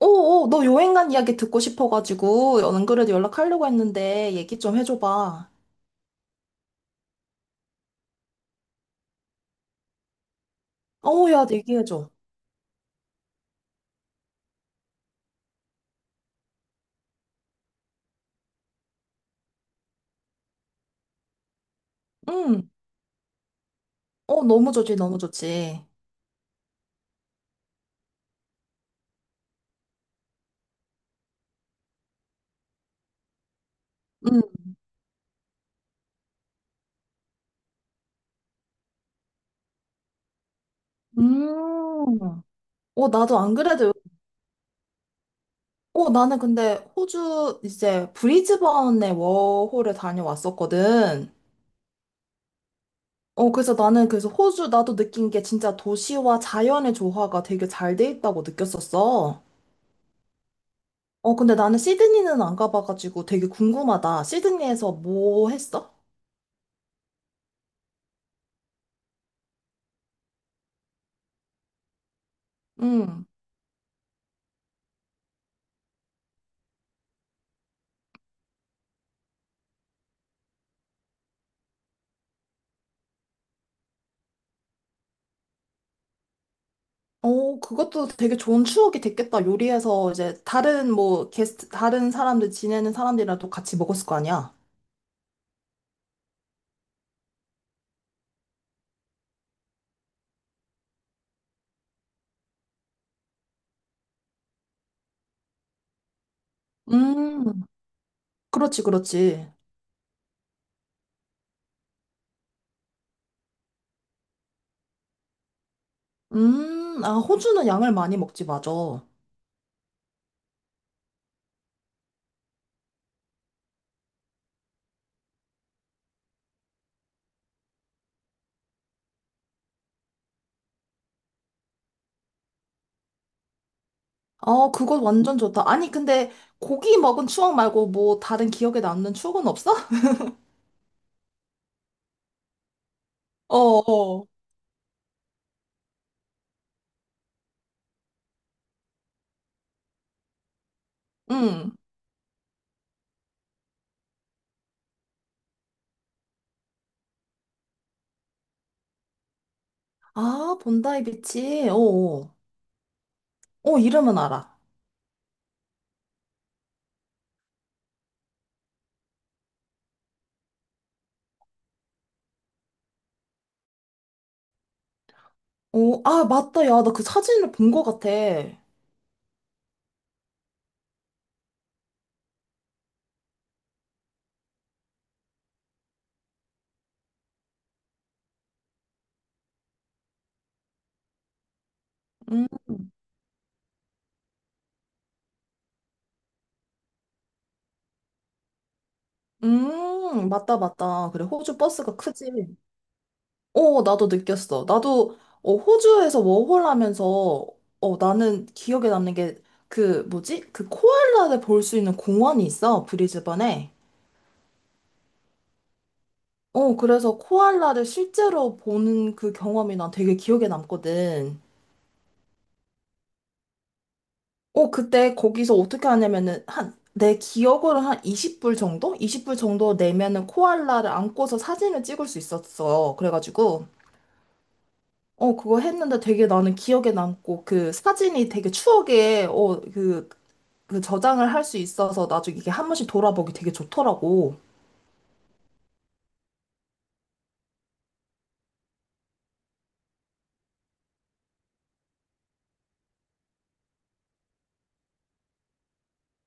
오, 오, 너 여행 간 이야기 듣고 싶어가지고, 안 그래도 연락하려고 했는데, 얘기 좀 해줘봐. 어, 야, 얘기해줘. 응. 어, 너무 좋지, 너무 좋지. 응. 음. 어, 나도 안 그래도, 어, 나는 근데 호주 이제 브리즈번에 워홀을 다녀왔었거든. 어, 그래서 나는 그래서 호주 나도 느낀 게 진짜 도시와 자연의 조화가 되게 잘 돼 있다고 느꼈었어. 어, 근데 나는 시드니는 안 가봐가지고 되게 궁금하다. 시드니에서 뭐 했어? 음. 어, 그것도 되게 좋은 추억이 됐겠다. 요리해서 이제 다른 다른 사람들 지내는 사람들이랑도 같이 먹었을 거 아니야? 음, 그렇지, 그렇지. 아, 호주는 양을 많이 먹지, 맞아. 어, 그거 완전 좋다. 아니, 근데 고기 먹은 추억 말고 뭐 다른 기억에 남는 추억은 없어? 어, 어. 응. 아, 본다이 비치. 어, 어, 어, 이름은 알아. 어, 아, 맞다. 야, 나 그 사진을 본 것 같아. 음. 맞다, 맞다. 그래, 호주 버스가 크지. 어, 나도 느꼈어. 나도, 어, 호주에서 워홀 하면서, 어, 나는 기억에 남는 게, 그, 뭐지? 그 코알라를 볼 수 있는 공원이 있어, 브리즈번에. 어, 그래서 코알라를 실제로 보는 그 경험이 난 되게 기억에 남거든. 어, 그때 거기서 어떻게 하냐면은, 한, 내 기억으로 한 20불 정도? 20불 정도 내면은 코알라를 안고서 사진을 찍을 수 있었어. 그래가지고. 어, 그거 했는데 되게 나는 기억에 남고, 그 사진이 되게 추억에, 그 저장을 할 수 있어서 나중에 이게 한 번씩 돌아보기 되게 좋더라고.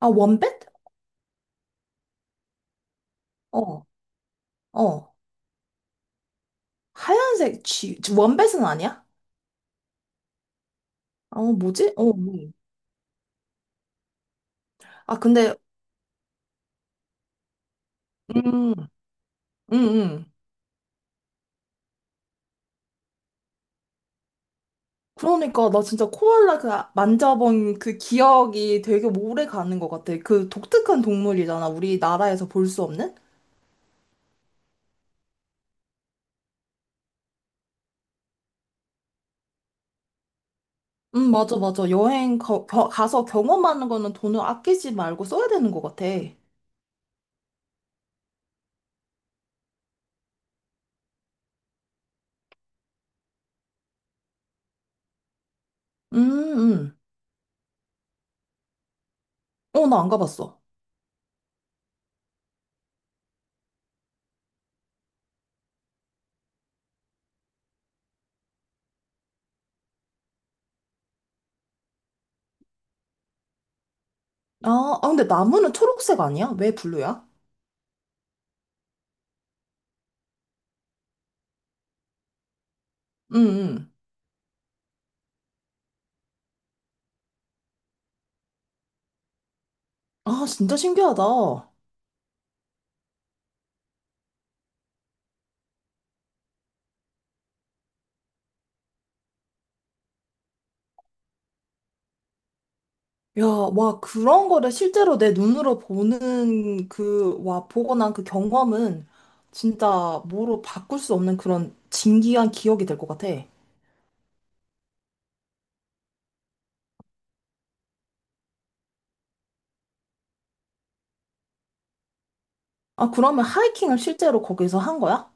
아, 원뱃? 어, 어. 하얀색 쥐, 원뱃은 아니야? 어, 뭐지? 어, 아, 근데, 음, 음, 음. 그러니까 나 진짜 코알라 그 만져본 그 기억이 되게 오래 가는 것 같아. 그 독특한 동물이잖아. 우리나라에서 볼 수 없는? 맞아, 맞아. 여행 가서 경험하는 거는 돈을 아끼지 말고 써야 되는 것 같아. 음. 어, 나 안 가봤어. 아, 아, 근데 나무는 초록색 아니야? 왜 블루야? 응응. 아, 진짜 신기하다. 야, 와, 그런 거를 실제로 내 눈으로 보는 와, 보고 난 그 경험은 진짜 뭐로 바꿀 수 없는 그런 진귀한 기억이 될 것 같아. 아, 그러면 하이킹을 실제로 거기서 한 거야?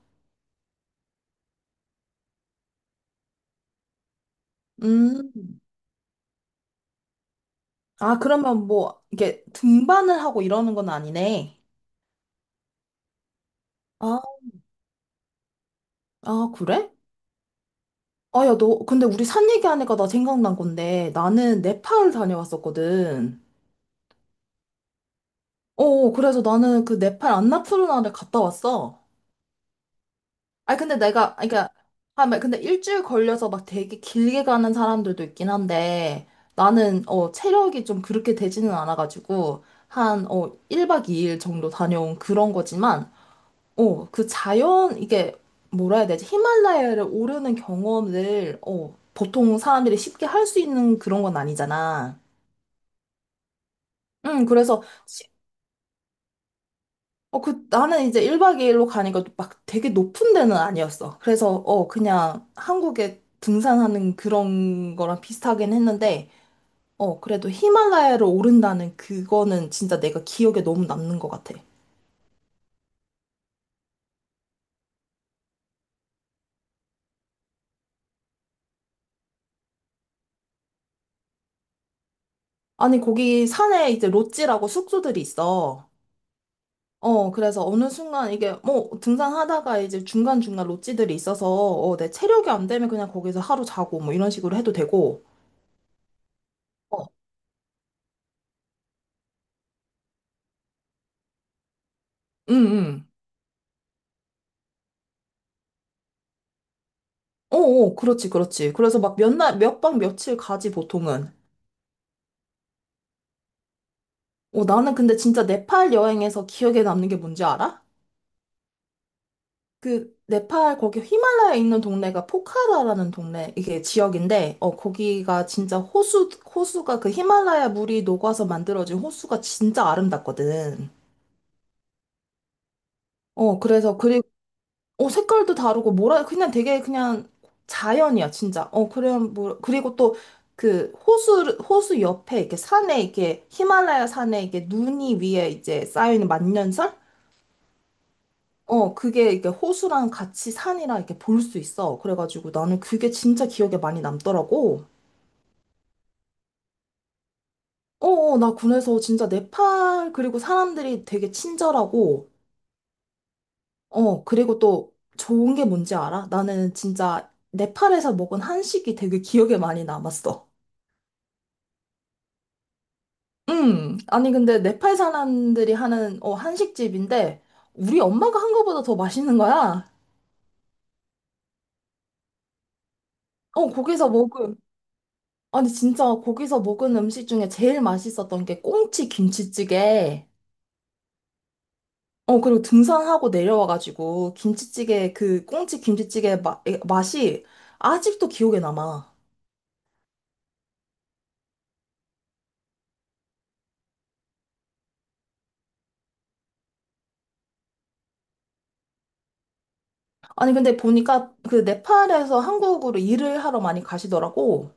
음. 아, 그러면 뭐, 이게 등반을 하고 이러는 건 아니네. 아, 아, 그래? 아, 야, 너, 근데 우리 산 얘기하니까 나 생각난 건데, 나는 네팔 다녀왔었거든. 어, 어, 그래서 나는 그 네팔 안나푸르나를 갔다 왔어. 아니, 근데 내가, 아니, 그러니까, 아, 막 근데 일주일 걸려서 막 되게 길게 가는 사람들도 있긴 한데, 나는, 어, 체력이 좀 그렇게 되지는 않아가지고, 한, 1박 2일 정도 다녀온 그런 거지만, 어, 그 자연, 이게, 뭐라 해야 되지? 히말라야를 오르는 경험을, 어, 보통 사람들이 쉽게 할 수 있는 그런 건 아니잖아. 응, 그래서, 나는 이제 1박 2일로 가니까 막 되게 높은 데는 아니었어. 그래서, 그냥 한국에 등산하는 그런 거랑 비슷하긴 했는데, 어, 그래도 히말라야를 오른다는 그거는 진짜 내가 기억에 너무 남는 것 같아. 아니, 거기 산에 이제 롯지라고 숙소들이 있어. 어, 그래서 어느 순간 이게 뭐 등산하다가 이제 중간중간 롯지들이 있어서 내 체력이 안 되면 그냥 거기서 하루 자고 뭐 이런 식으로 해도 되고. 어, 응, 응. 어, 어, 그렇지, 그렇지. 그래서 막 몇 날, 몇 박 며칠 가지 보통은. 어, 나는 근데 진짜 네팔 여행에서 기억에 남는 게 뭔지 알아? 그 네팔 거기 히말라야에 있는 동네가 포카라라는 동네 이게 지역인데 거기가 진짜 호수가 그 히말라야 물이 녹아서 만들어진 호수가 진짜 아름답거든. 어, 그래서, 어, 색깔도 다르고, 뭐라, 그냥 되게 그냥 자연이야, 진짜. 어, 그래, 뭐, 그리고 또 그 호수 옆에 이렇게 산에 이렇게 히말라야 산에 이렇게 눈이 위에 이제 쌓여있는 만년설? 어, 그게 이렇게 호수랑 같이 산이랑 이렇게 볼 수 있어. 그래가지고 나는 그게 진짜 기억에 많이 남더라고. 어, 어, 나 군에서 진짜 네팔, 그리고 사람들이 되게 친절하고, 어, 그리고 또 좋은 게 뭔지 알아? 나는 진짜 네팔에서 먹은 한식이 되게 기억에 많이 남았어. 아니, 근데 네팔 사람들이 하는, 한식집인데, 우리 엄마가 한 거보다 더 맛있는 거야. 어, 거기서 먹은, 아니, 진짜 거기서 먹은 음식 중에 제일 맛있었던 게 꽁치 김치찌개. 어, 그리고 등산하고 내려와가지고, 김치찌개, 그 꽁치 김치찌개 맛이 아직도 기억에 남아. 아니, 근데 보니까 그 네팔에서 한국으로 일을 하러 많이 가시더라고.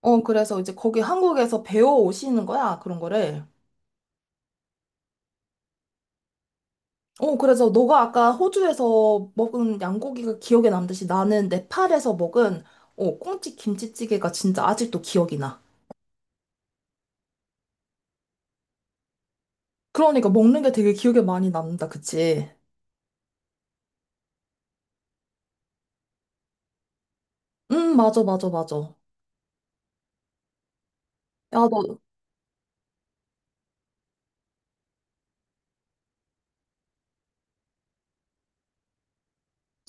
어, 그래서 이제 거기 한국에서 배워 오시는 거야, 그런 거를. 어, 그래서 너가 아까 호주에서 먹은 양고기가 기억에 남듯이 나는 네팔에서 먹은 꽁치 김치찌개가 진짜 아직도 기억이 나. 그러니까 먹는 게 되게 기억에 많이 남는다, 그치? 맞아, 맞아, 맞아. 야, 너.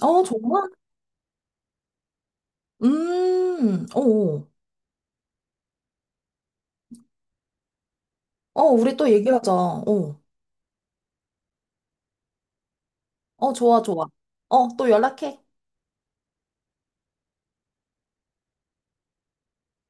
어, 정말? 어, 어, 어, 우리 또 얘기하자. 어, 어, 좋아, 좋아. 어, 또 연락해.